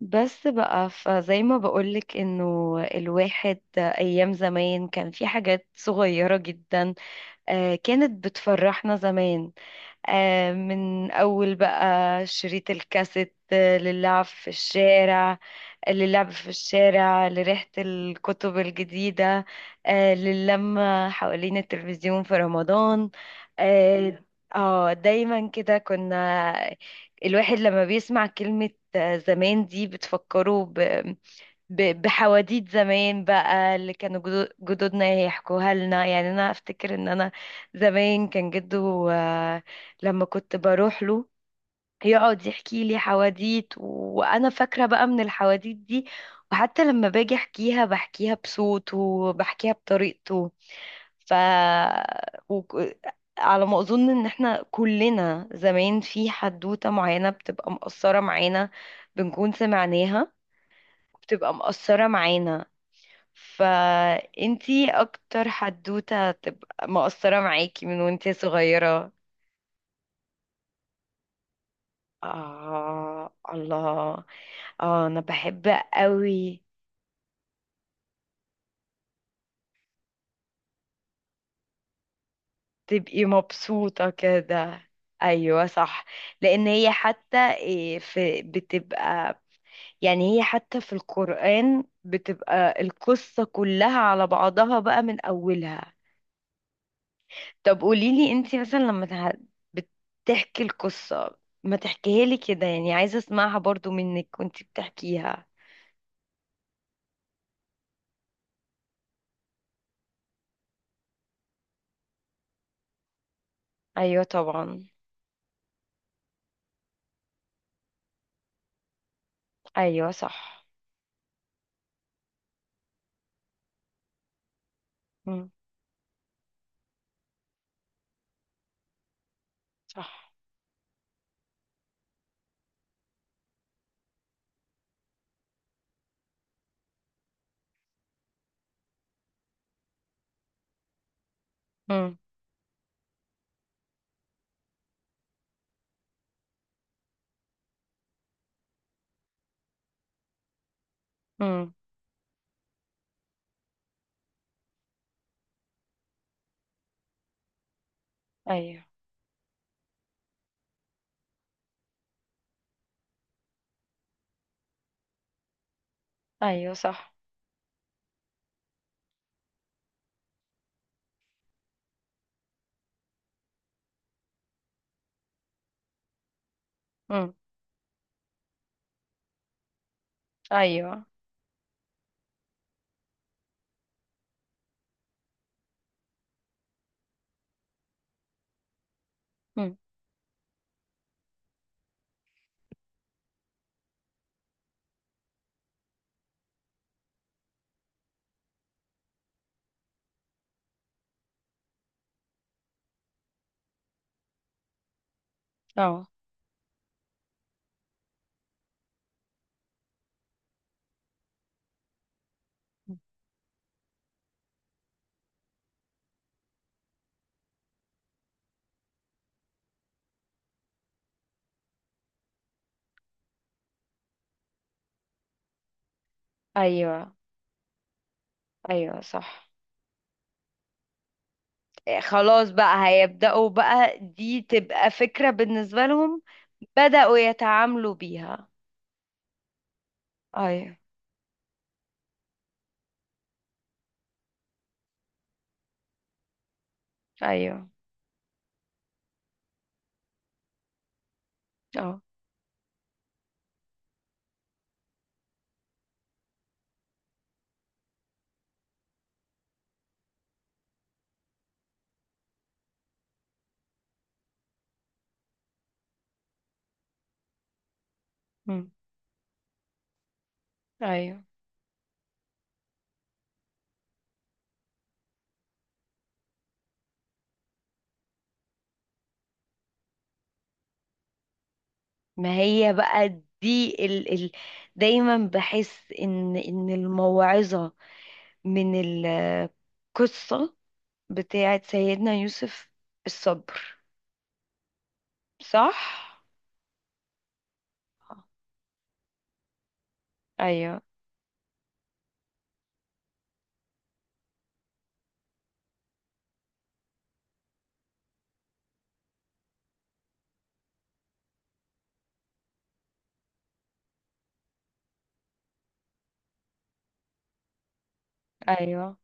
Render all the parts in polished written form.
بس بقى فزي ما بقولك انه الواحد ايام زمان كان في حاجات صغيرة جدا. آه، كانت بتفرحنا زمان. آه، من أول بقى شريط الكاسيت، آه، للعب في الشارع. للعب في الشارع، لريحة الكتب الجديدة، آه، للمة حوالين التلفزيون في رمضان. اه. آه، دايما كده كنا. الواحد لما بيسمع كلمة آه، زمان دي بتفكره بحواديت زمان بقى اللي كانوا جدودنا يحكوها لنا. يعني انا افتكر ان انا زمان كان جده، آه، لما كنت بروح له يقعد يحكي لي حواديت. وانا فاكره بقى من الحواديت دي. وحتى لما باجي احكيها بحكيها بصوته وبحكيها بطريقته. ف وك... على ما اظن ان احنا كلنا زمان في حدوته معينه بتبقى مقصره معانا، بنكون سمعناها، بتبقى مقصره معانا. فانتي اكتر حدوته تبقى مقصره معاكي من وانتي صغيره؟ آه، الله. آه، أنا بحب قوي. تبقي مبسوطة كده. أيوة صح. لأن هي حتى إيه في بتبقى، يعني هي حتى في القرآن بتبقى القصة كلها على بعضها بقى من أولها. طب قوليلي أنتي مثلا لما بتحكي القصة، ما تحكيها لي كده؟ يعني عايزة أسمعها برضو منك وأنتي بتحكيها. أيوة طبعا. أيوة صح. مم. صح. مم. مم. ايوه. ايوه صح. امم. ايوه. امم. اه. ايوه. ايوه صح. إيه، خلاص بقى هيبدأوا بقى، دي تبقى فكرة بالنسبة لهم. بدأوا يتعاملوا بيها. ايوه. ايوه. اه. أمم، ايوه. ما هي بقى دي ال ال دايما بحس ان الموعظة من القصة بتاعت سيدنا يوسف الصبر. صح. آه. ايوه. ايوه.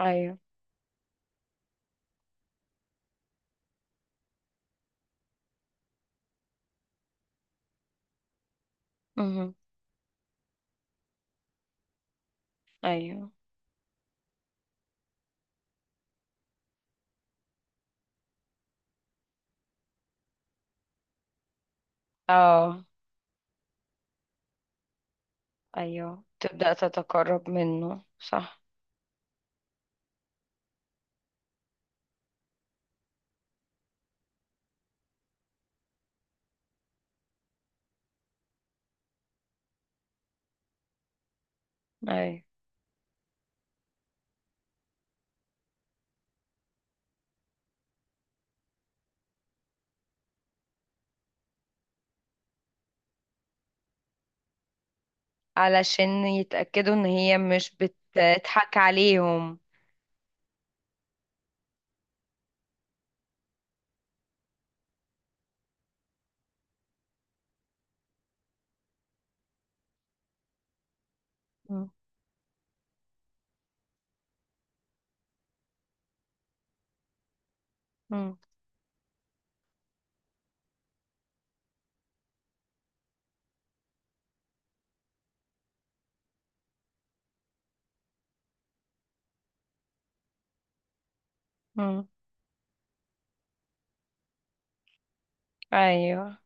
ايوه. مهم. ايوه. اه. ايوه، تبدأ تتقرب منه، صح. ايوه، علشان يتأكدوا ان هي مش بتضحك عليهم. مم. مم. مم. ايوه.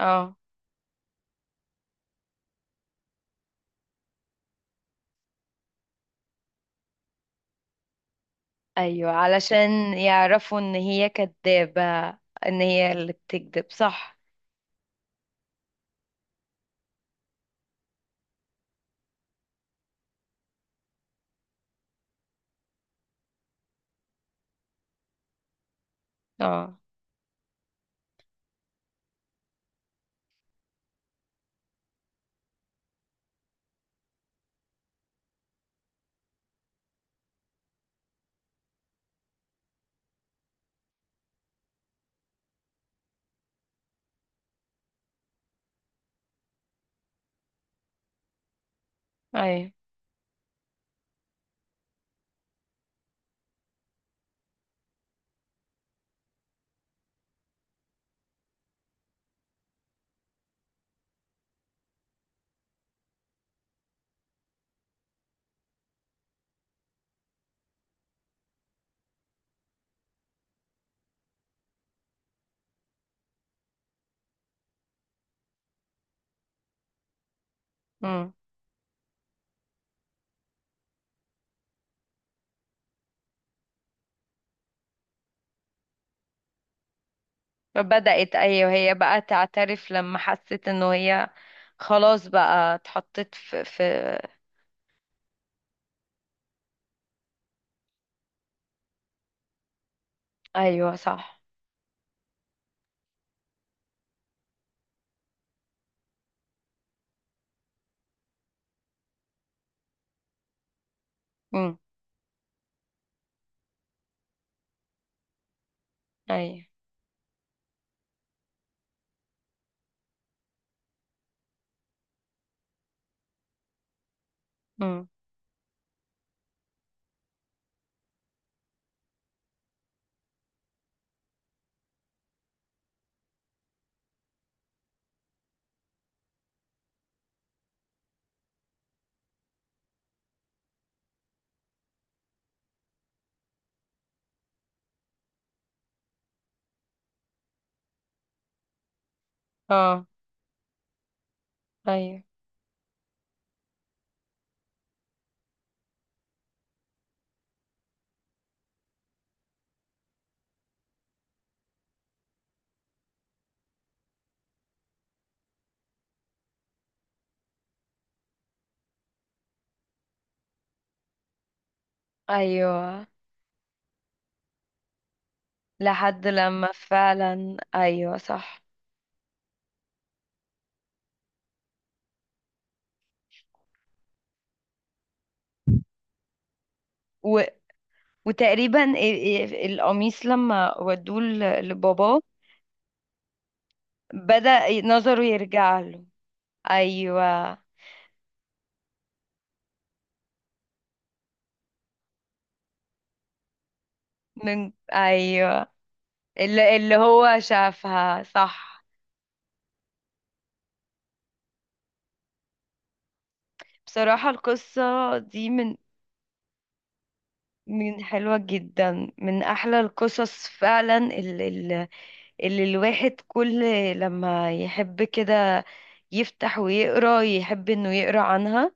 اه. ايوه، علشان يعرفوا ان هي كدابة. ان هي اللي بتكذب، صح. اه. ايوه. مم. بدأت، ايوه، هي بقى تعترف لما حست انه هي خلاص بقى اتحطت في. ايوه صح. مم. ايوه. امم. اه. ايوه. ايوه لحد لما فعلا، ايوه صح. و... وتقريبا القميص لما ودوه لباباه بدأ نظره يرجع له. ايوه. من ايوه، اللي هو شافها، صح. بصراحة القصة دي من حلوة جدا، من احلى القصص فعلا. اللي الواحد كل لما يحب كده يفتح ويقرا، يحب انه يقرا عنها.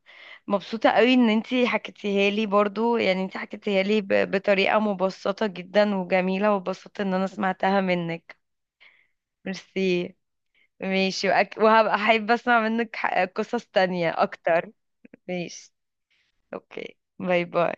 مبسوطة قوي ان انتي حكيتيها لي برضو. يعني انتي حكيتيها لي بطريقة مبسطة جدا وجميلة، وبسطت ان انا سمعتها منك. ميرسي. ماشي. وهبقى احب اسمع منك قصص تانية اكتر. ماشي. اوكي، باي باي.